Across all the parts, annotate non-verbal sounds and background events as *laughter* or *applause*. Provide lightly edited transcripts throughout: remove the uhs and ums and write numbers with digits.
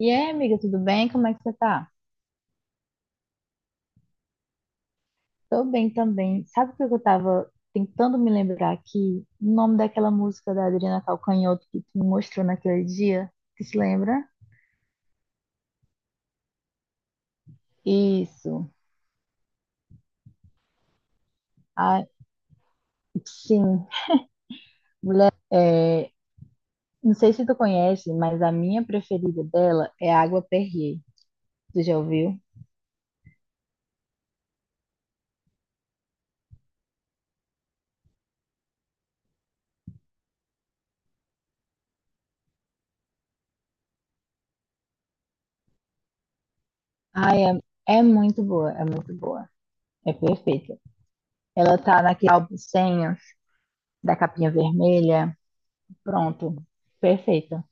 E aí, amiga, tudo bem? Como é que você tá? Tô bem também. Sabe o que eu tava tentando me lembrar aqui? O nome daquela música da Adriana Calcanhoto que tu me mostrou naquele dia? Tu se lembra? Isso. Ah, sim. Mulher, é, não sei se tu conhece, mas a minha preferida dela é Água Perrier. Tu já ouviu? Ai, é, é muito boa, é muito boa. É perfeita. Ela tá naquele álbum senha da capinha vermelha. Pronto, perfeita.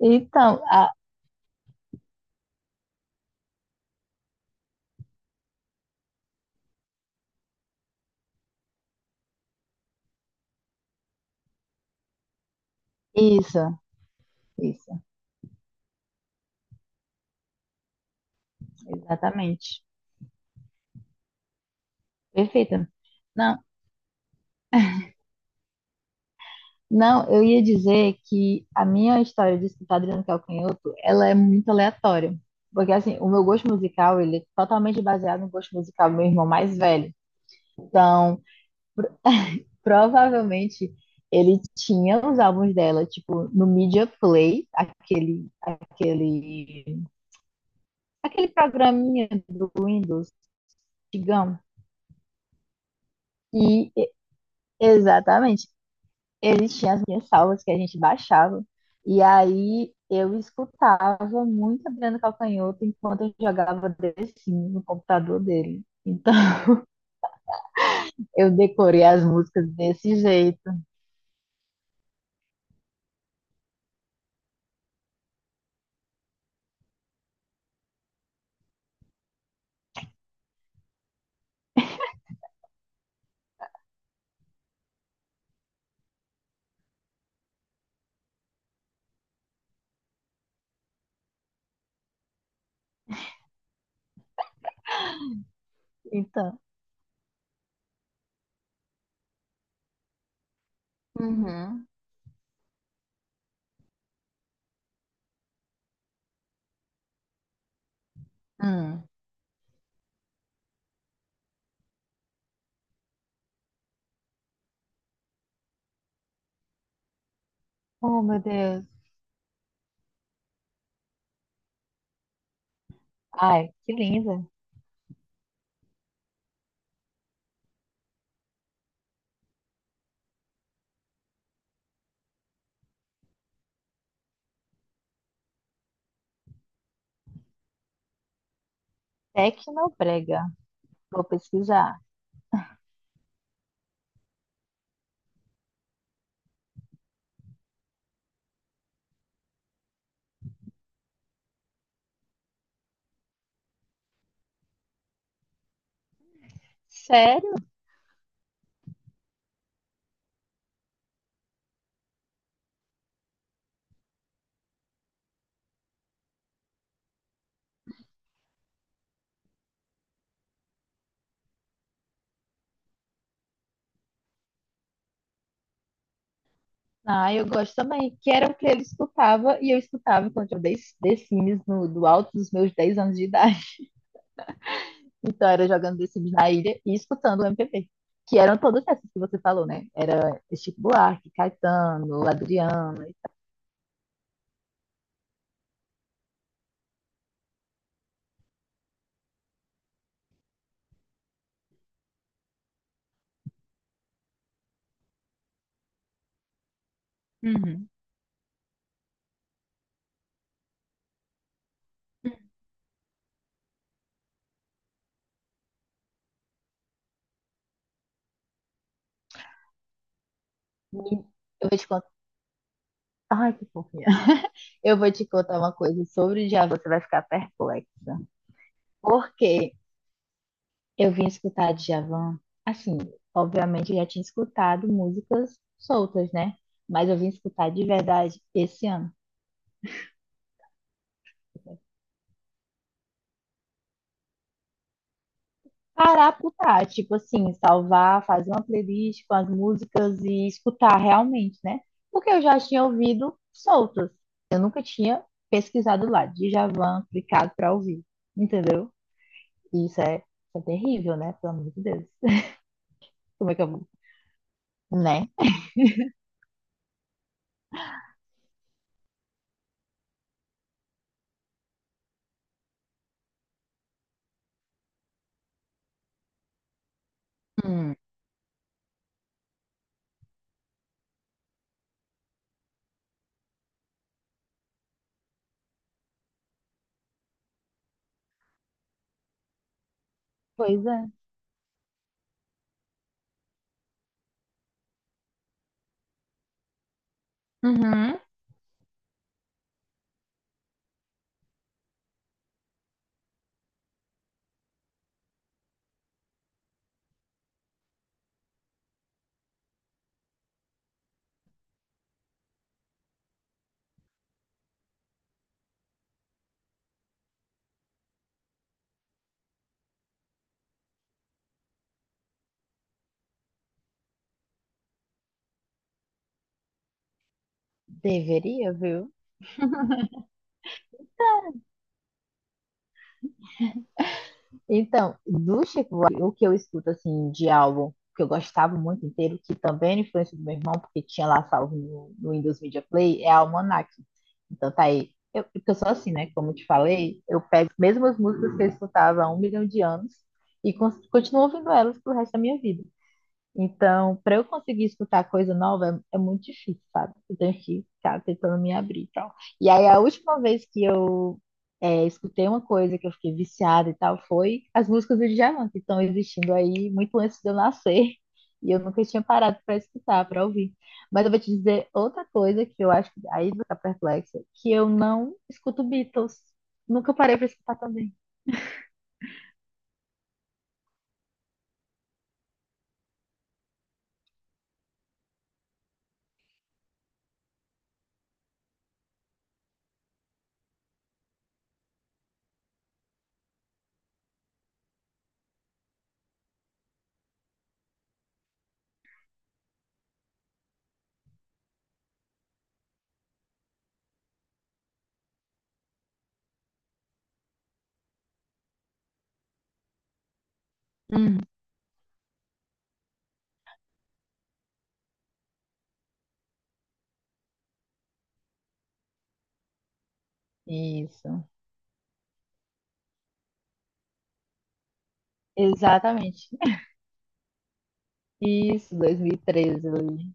Então, Isso, isso, exatamente. Perfeita. Não, não, eu ia dizer que a minha história de escutar Adriano Calcanhoto, ela é muito aleatória. Porque, assim, o meu gosto musical, ele é totalmente baseado no gosto musical do meu irmão mais velho. Então, provavelmente, ele tinha os álbuns dela, tipo, no Media Play, aquele programinha do Windows, digamos. E, exatamente. Existiam as minhas salvas que a gente baixava. E aí eu escutava muito Adriano Calcanhoto enquanto eu jogava The Sims no computador dele. Então *laughs* eu decorei as músicas desse jeito. Então, uhum. Hum. Oh, meu Deus. Ai, que linda. Tecnobrega. Vou pesquisar. Sério? Ah, eu gosto também. Que era o que ele escutava e eu escutava enquanto eu dei The Sims no, do alto dos meus 10 anos de idade. Então era jogando The Sims na ilha e escutando o MPB. Que eram todas essas que você falou, né? Era Chico Buarque, Caetano, Adriano e tal. Uhum. E eu vou te contar. Ai, que fofinha. Eu vou te contar uma coisa sobre o Djavan, você vai ficar perplexa. Porque eu vim escutar Djavan, assim, obviamente eu já tinha escutado músicas soltas, né? Mas eu vim escutar de verdade esse ano. Parar pro tá, tipo assim, salvar, fazer uma playlist com as músicas e escutar realmente, né? Porque eu já tinha ouvido soltas. Eu nunca tinha pesquisado lá, Djavan, clicado pra ouvir, entendeu? E isso é, é terrível, né? Pelo amor de Deus. *laughs* Como é que eu vou? Né? Hum. Pois é. Uhum. Deveria, viu? Então, do Chico Buarque, o que eu escuto assim de álbum que eu gostava muito inteiro, que também era influência do meu irmão, porque tinha lá salvo no Windows Media Play, é Almanac. Então tá aí. Eu, porque eu sou assim, né? Como eu te falei, eu pego as mesmas músicas que eu escutava há um milhão de anos e continuo ouvindo elas pro resto da minha vida. Então, para eu conseguir escutar coisa nova é, é muito difícil, sabe? Eu tenho que ficar tentando me abrir e tal. E aí, a última vez que eu é, escutei uma coisa que eu fiquei viciada e tal foi as músicas do Djavan, que estão existindo aí muito antes de eu nascer. E eu nunca tinha parado para escutar, para ouvir. Mas eu vou te dizer outra coisa que eu acho que aí vai ficar perplexa, que eu não escuto Beatles. Nunca parei para escutar também. Hum. Isso, exatamente. Isso, 2013 ali.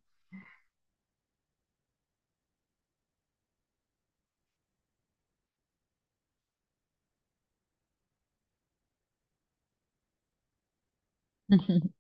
*laughs*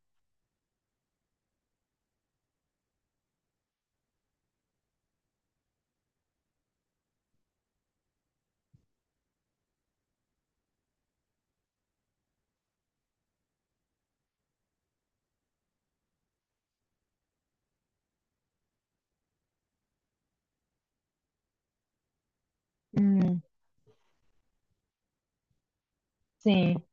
Hum, sim,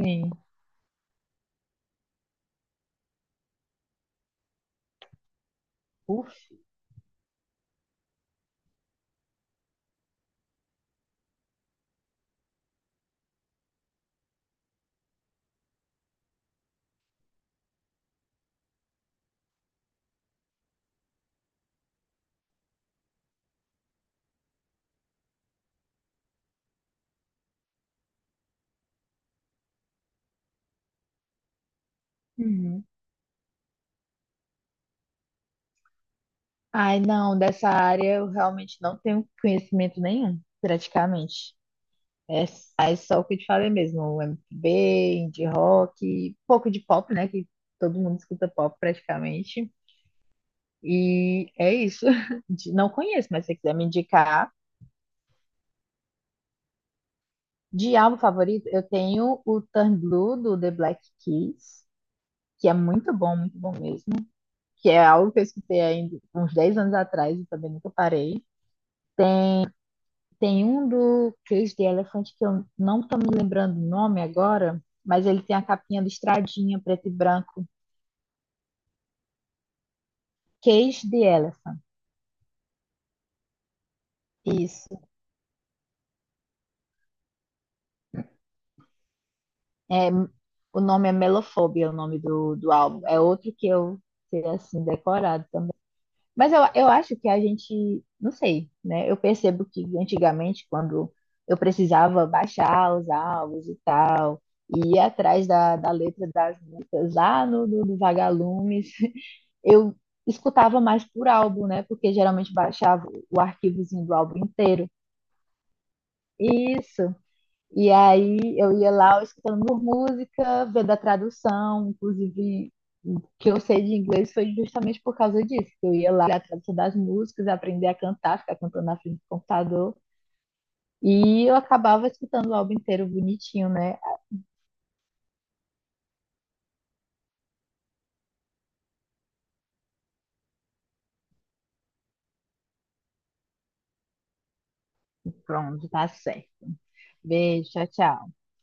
sim. Uf, uhum. Ai, não, dessa área eu realmente não tenho conhecimento nenhum, praticamente. É, é só o que eu te falei mesmo, MPB, indie rock, pouco de pop, né, que todo mundo escuta pop praticamente. E é isso. *laughs* De- Não conheço, mas se você quiser me indicar. De álbum favorito, eu tenho o Turn Blue do The Black Keys, que é muito bom mesmo. Que é algo que eu escutei ainda uns 10 anos atrás e também nunca parei. Tem um do Cage the Elephant que eu não tô me lembrando o nome agora, mas ele tem a capinha listradinha, preto e branco. Cage the Elephant. Isso. O nome é Melofobia, é o nome do, do álbum. É outro que eu sei assim decorado. Mas eu acho que a gente, não sei, né? Eu percebo que antigamente, quando eu precisava baixar os álbuns e tal, e ir atrás da, da letra das músicas lá no Vagalumes, eu escutava mais por álbum, né? Porque geralmente baixava o arquivozinho do álbum inteiro. Isso. E aí eu ia lá escutando por música, vendo a tradução, inclusive o que eu sei de inglês foi justamente por causa disso, que eu ia lá olhar a tradução das músicas, aprender a cantar, ficar cantando na frente do computador, e eu acabava escutando o álbum inteiro bonitinho, né? Pronto, tá certo. Beijo, tchau, tchau.